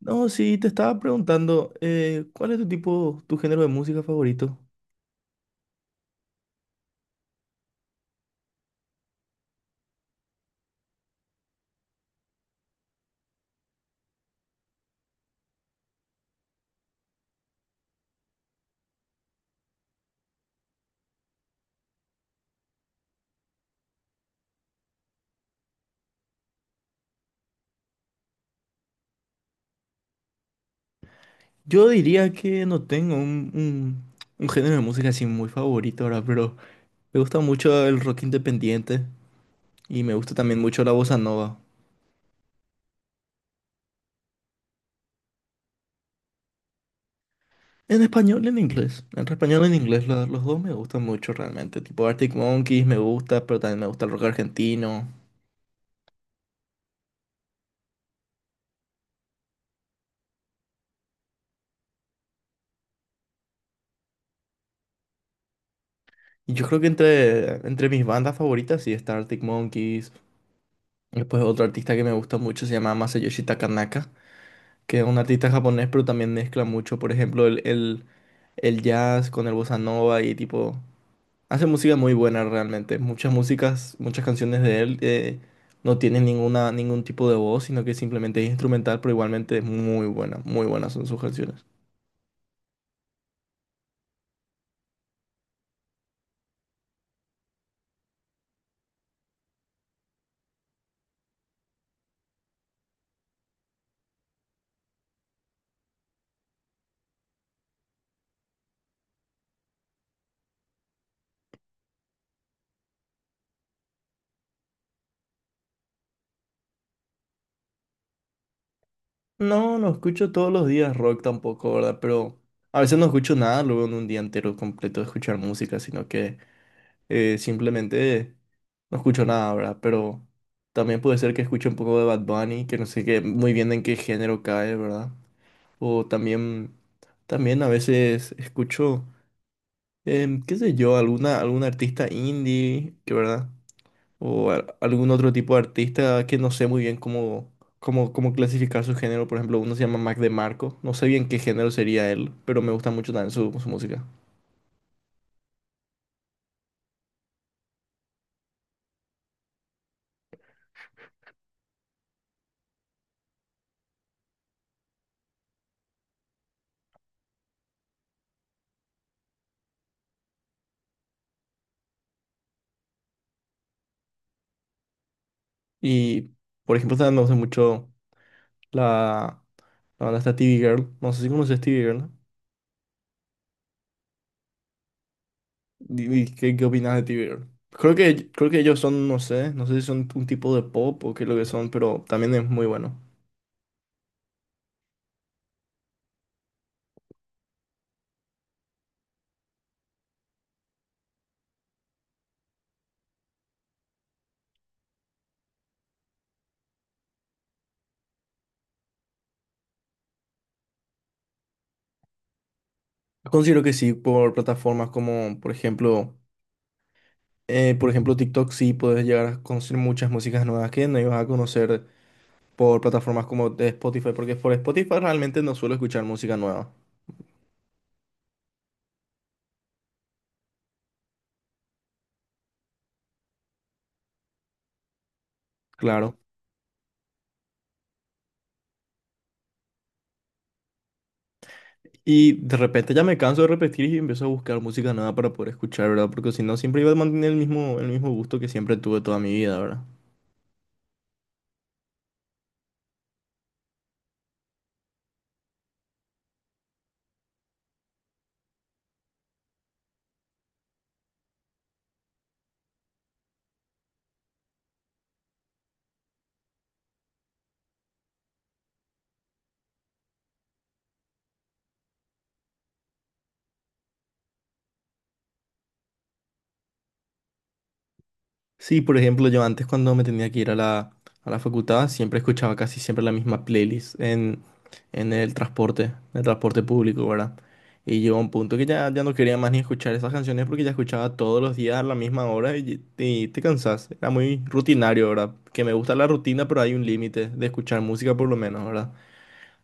No, sí, te estaba preguntando, ¿cuál es tu tipo, tu género de música favorito? Yo diría que no tengo un género de música así muy favorito ahora, pero me gusta mucho el rock independiente y me gusta también mucho la bossa nova. En español y en inglés. Entre español y en inglés, los dos me gustan mucho realmente. Tipo Arctic Monkeys me gusta, pero también me gusta el rock argentino. Y yo creo que entre mis bandas favoritas sí está Arctic Monkeys. Después otro artista que me gusta mucho se llama Masayoshi Takanaka, que es un artista japonés, pero también mezcla mucho, por ejemplo, el jazz con el bossa nova y tipo, hace música muy buena realmente. Muchas músicas, muchas canciones de él no tienen ningún tipo de voz, sino que simplemente es instrumental, pero igualmente es muy buena, muy buenas son sus canciones. No, no escucho todos los días rock tampoco, ¿verdad? Pero a veces no escucho nada luego en un día entero completo de escuchar música, sino que... simplemente no escucho nada, ¿verdad? Pero también puede ser que escuche un poco de Bad Bunny, que no sé qué, muy bien en qué género cae, ¿verdad? O también, también a veces escucho, qué sé yo, algún artista indie, que ¿verdad? Algún otro tipo de artista que no sé muy bien cómo clasificar su género. Por ejemplo, uno se llama Mac DeMarco. No sé bien qué género sería él, pero me gusta mucho también su música. Y, por ejemplo, también me gusta mucho la... La banda está TV Girl. No sé si conoces TV Girl, ¿no? ¿Y qué opinas de TV Girl? Creo que ellos son, no sé, no sé si son un tipo de pop o qué es lo que son, pero también es muy bueno. Considero que sí, por plataformas como, por ejemplo, TikTok, sí puedes llegar a conocer muchas músicas nuevas que no ibas a conocer por plataformas como de Spotify, porque por Spotify realmente no suelo escuchar música nueva. Claro. Y de repente ya me canso de repetir y empiezo a buscar música nueva para poder escuchar, ¿verdad? Porque si no, siempre iba a mantener el mismo gusto que siempre tuve toda mi vida, ¿verdad? Sí, por ejemplo, yo antes cuando me tenía que ir a a la facultad, siempre escuchaba casi siempre la misma playlist en el transporte público, ¿verdad? Y llegó un punto que ya no quería más ni escuchar esas canciones porque ya escuchaba todos los días a la misma hora y te cansas. Era muy rutinario, ¿verdad? Que me gusta la rutina, pero hay un límite de escuchar música por lo menos, ¿verdad?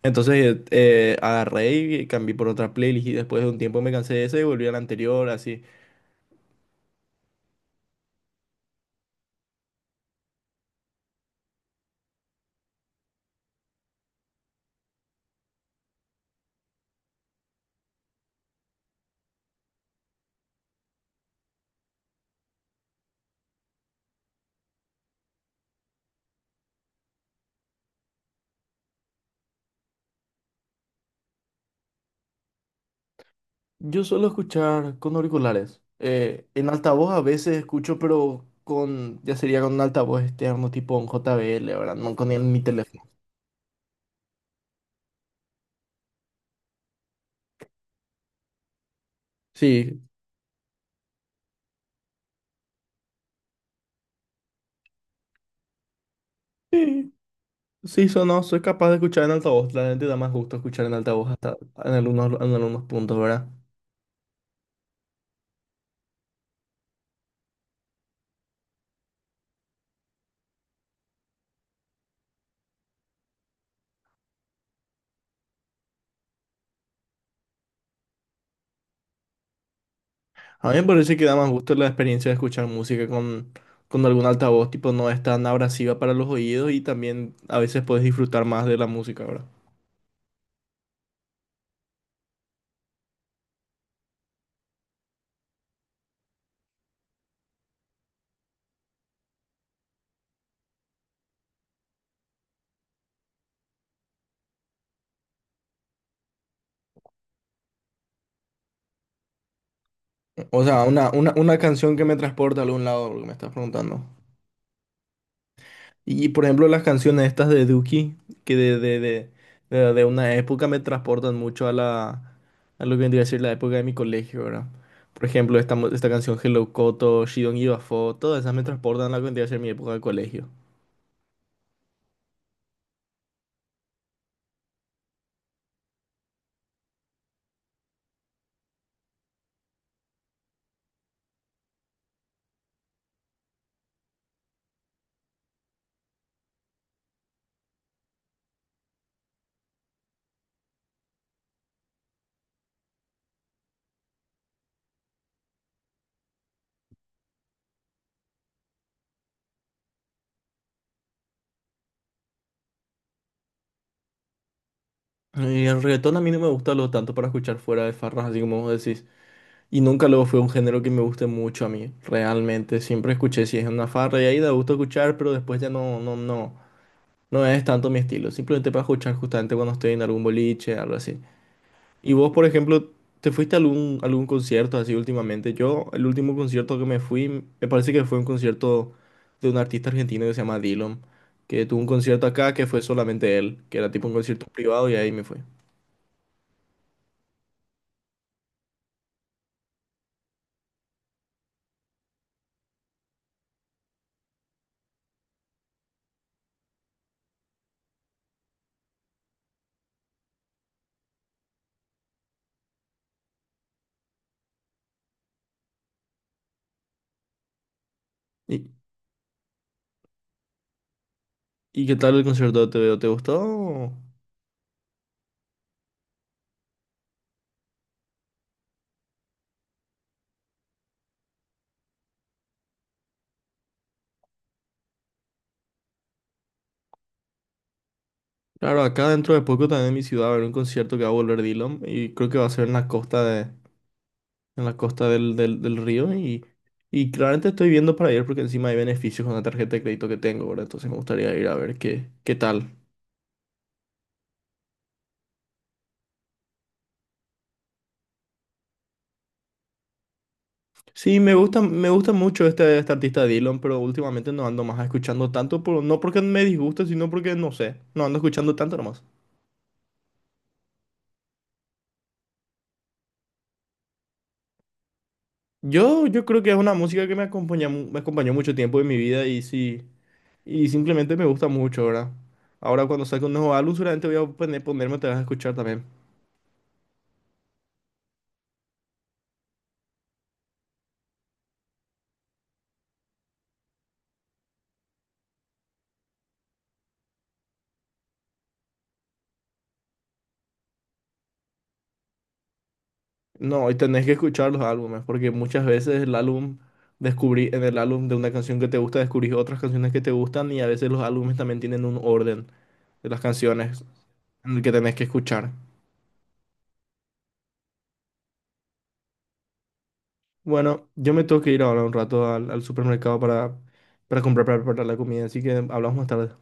Entonces agarré y cambié por otra playlist y después de un tiempo me cansé de esa y volví a la anterior, así. Yo suelo escuchar con auriculares. En altavoz a veces escucho, pero con, ya sería con un altavoz externo tipo un JBL, ¿verdad? No con mi teléfono. Sí, sí, sí, eso no, soy capaz de escuchar en altavoz. La gente da más gusto escuchar en altavoz hasta en algunos puntos, ¿verdad? A mí me parece que da más gusto la experiencia de escuchar música con algún altavoz, tipo no es tan abrasiva para los oídos y también a veces puedes disfrutar más de la música, ¿verdad? O sea, una canción que me transporta a algún lado, lo que me estás preguntando. Y por ejemplo, las canciones estas de Duki, que de una época me transportan mucho a a lo que vendría a ser la época de mi colegio, ¿verdad? Por ejemplo, esta, esta canción Hello Koto, She Don't Give a Fuck, todas esas me transportan a lo que vendría a ser mi época de colegio. Y el reggaetón a mí no me gusta lo tanto para escuchar fuera de farras, así como vos decís. Y nunca lo fue un género que me guste mucho a mí, realmente. Siempre escuché si es una farra y ahí da gusto escuchar, pero después ya no es tanto mi estilo. Simplemente para escuchar justamente cuando estoy en algún boliche, algo así. Y vos, por ejemplo, ¿te fuiste a algún concierto así últimamente? Yo, el último concierto que me fui, me parece que fue un concierto de un artista argentino que se llama Dillom, que tuvo un concierto acá que fue solamente él, que era tipo un concierto privado y ahí me fui. ¿Y qué tal el concierto de Te veo? ¿Te gustó? Claro, acá dentro de poco también en mi ciudad va a haber un concierto que va a volver Dylan y creo que va a ser en la costa de, en la costa del río y claramente estoy viendo para ir porque encima hay beneficios con la tarjeta de crédito que tengo, ¿verdad? Entonces me gustaría ir a ver qué, qué tal. Sí, me gusta mucho este artista Dylan, pero últimamente no ando más escuchando tanto, por, no porque me disguste, sino porque no sé, no ando escuchando tanto nomás. Yo creo que es una música que me acompaña, me acompañó mucho tiempo en mi vida y sí. Y simplemente me gusta mucho, ¿verdad? Ahora cuando saque un nuevo álbum seguramente voy a ponerme, te vas a escuchar también. No, y tenés que escuchar los álbumes, porque muchas veces el álbum, descubrí en el álbum de una canción que te gusta, descubrís otras canciones que te gustan y a veces los álbumes también tienen un orden de las canciones en el que tenés que escuchar. Bueno, yo me tengo que ir ahora un rato al, al supermercado para comprar para preparar la comida, así que hablamos más tarde.